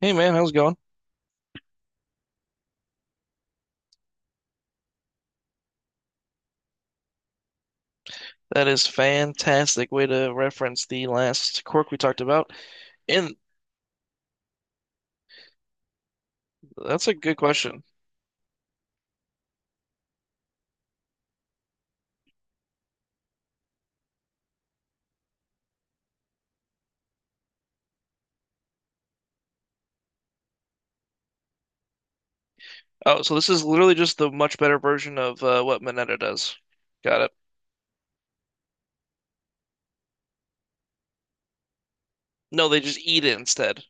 Hey man, how's it going? That is fantastic way to reference the last quirk we talked about. And that's a good question. Oh, so this is literally just the much better version of what Mineta does. Got it. No, they just eat it instead.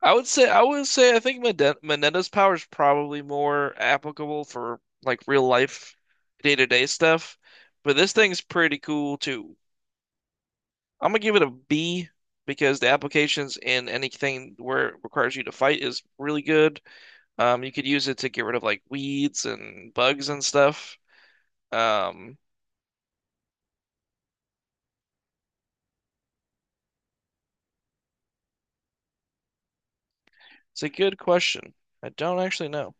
I would say I think Mineta's power is probably more applicable for like real life day-to-day stuff, but this thing's pretty cool too. I'm gonna give it a B because the applications in anything where it requires you to fight is really good. You could use it to get rid of like weeds and bugs and stuff. Um, it's a good question. I don't actually know,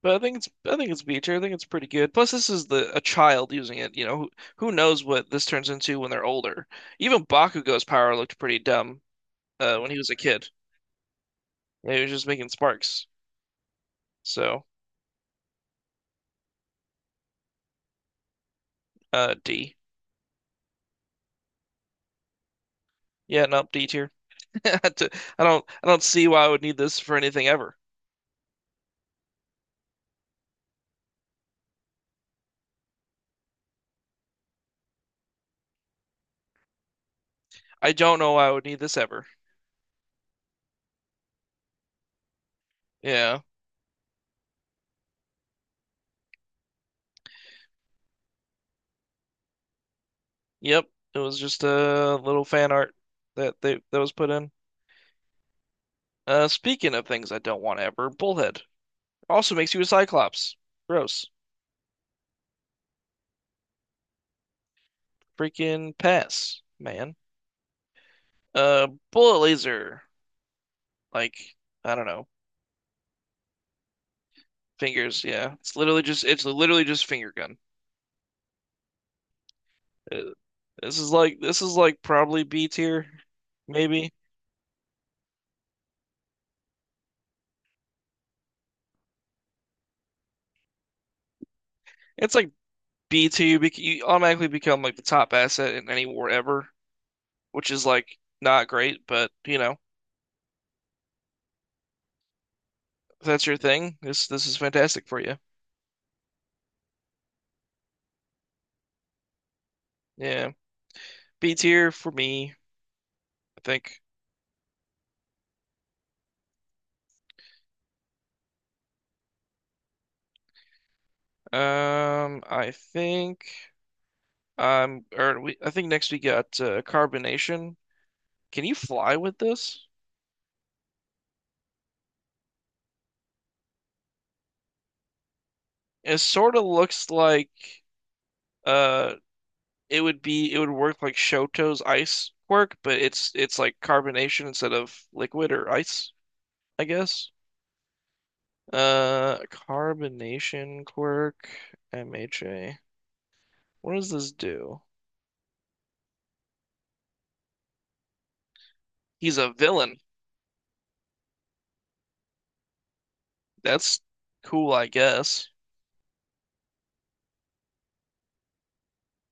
but I think it's B tier. I think it's pretty good. Plus, this is the a child using it. Who knows what this turns into when they're older? Even Bakugo's power looked pretty dumb when he was a kid. Yeah, he was just making sparks. So, D. Yeah, nope, D tier. I I don't see why I would need this for anything ever. I don't know why I would need this ever. Yeah. Yep, it was just a little fan art that was put in. Speaking of things I don't want ever, Bullhead also makes you a Cyclops. Gross. Freaking pass, man. Bullet laser. Like I don't know, fingers. Yeah, it's literally just finger gun. Uh, this is like probably B tier, maybe. It's like B tier. You automatically become like the top asset in any war ever, which is like not great, but. If that's your thing, this is fantastic for you. Yeah. B tier for me, I think. I think or we I think next we got carbonation. Can you fly with this? It sort of looks like uh it would be it would work like Shoto's ice quirk, but it's like carbonation instead of liquid or ice, I guess. Carbonation quirk MHA. What does this do? He's a villain. That's cool, I guess.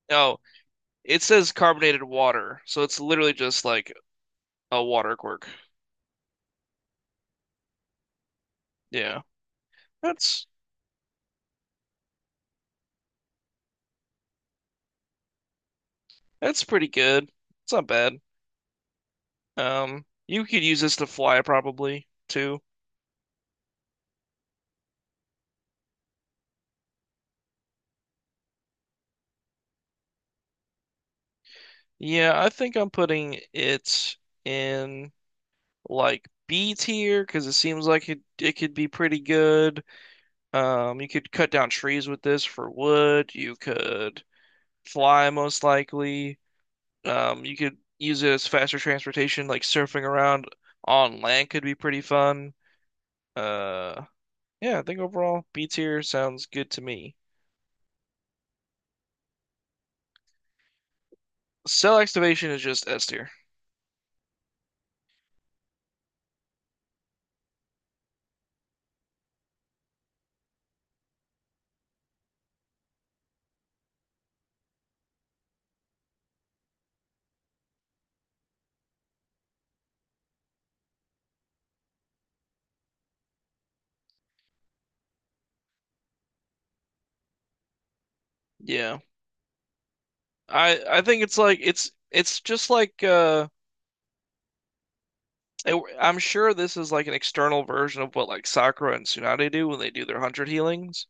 Oh, it says carbonated water, so it's literally just like a water quirk. Yeah, that's that's pretty good. It's not bad. You could use this to fly probably too. Yeah, I think I'm putting it in like B tier because it seems like it could be pretty good. You could cut down trees with this for wood. You could fly most likely. You could use it as faster transportation, like surfing around on land could be pretty fun. Uh, yeah, I think overall B tier sounds good to me. Cell activation is just S tier. Yeah. I think it's like it's just like I'm sure this is like an external version of what like Sakura and Tsunade do when they do their hundred healings.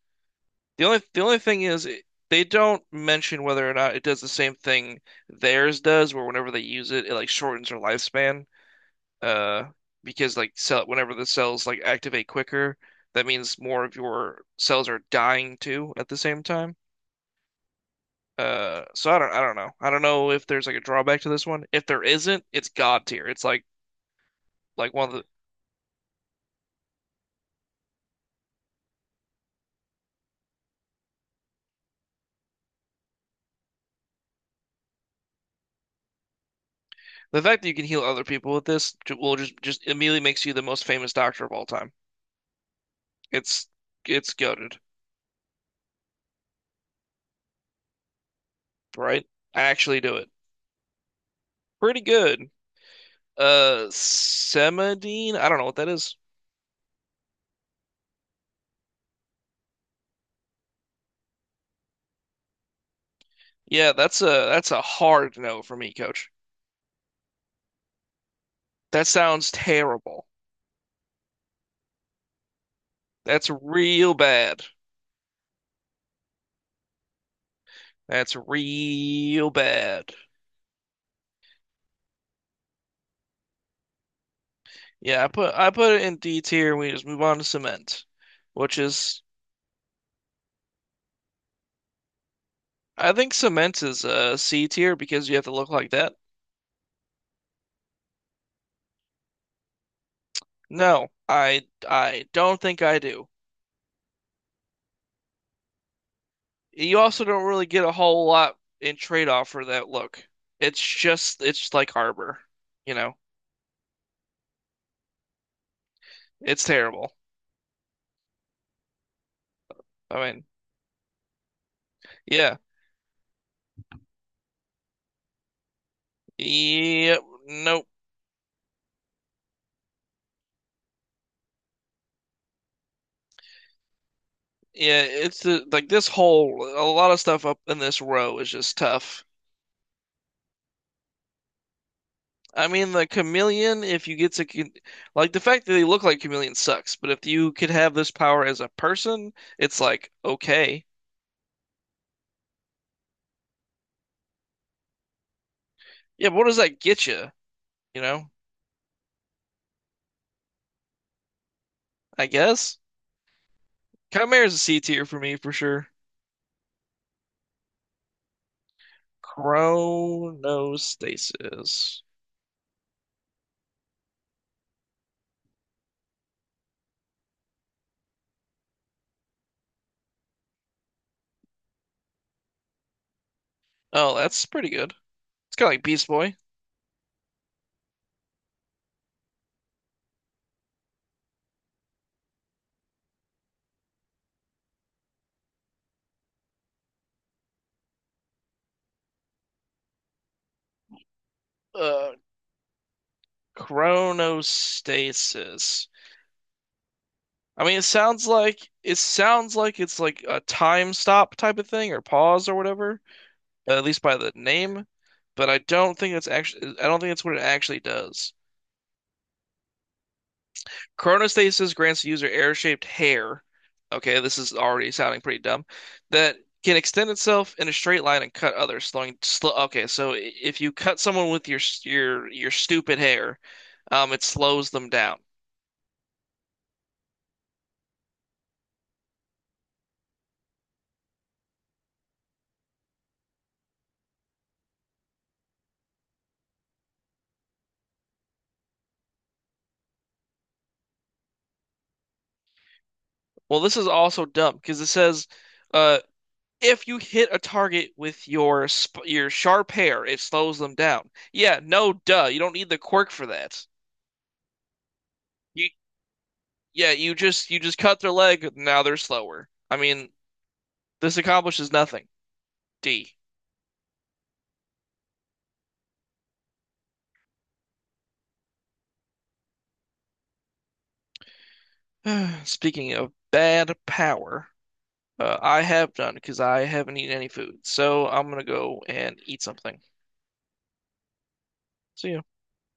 The only thing is they don't mention whether or not it does the same thing theirs does, where whenever they use it, it like shortens their lifespan. Uh because like cell whenever the cells like activate quicker, that means more of your cells are dying too at the same time. Uh so I don't know if there's like a drawback to this one. If there isn't, it's god tier. It's like one of the fact that you can heal other people with this will just immediately makes you the most famous doctor of all time. It's it's goated. Right, I actually do it. Pretty good. Semadine, I don't know what that is. Yeah, that's a hard no for me, coach. That sounds terrible. That's real bad. That's real bad. Yeah, I put it in D tier. We just move on to cement, which is I think cement is C tier because you have to look like that. No, I don't think I do. You also don't really get a whole lot in trade off for that look. It's just it's like Arbor, you know. It's terrible. I mean, yeah. Yep. Nope. Yeah, like this whole a lot of stuff up in this row is just tough. I mean, the chameleon, if you get like the fact that they look like chameleons sucks, but if you could have this power as a person, it's like okay. Yeah, but what does that get you? You know, I guess Chimera's a C tier for me for sure. Chronostasis. Oh, that's pretty good. It's kind of like Beast Boy. Uh, Chronostasis. I mean, it sounds like it's like a time stop type of thing or pause or whatever, at least by the name, but I don't think it's actually I don't think it's what it actually does. Chronostasis grants the user air-shaped hair. Okay, this is already sounding pretty dumb. That can extend itself in a straight line and cut others, slowing slow. Okay, so if you cut someone with your stupid hair, it slows them down. Well, this is also dumb because it says. Uh, If you hit a target with your sharp hair, it slows them down. Yeah, no, duh. You don't need the quirk for that. You yeah, you just cut their leg. Now they're slower. I mean, this accomplishes nothing. D. Speaking of bad power, I have done because I haven't eaten any food, so I'm gonna go and eat something. See ya.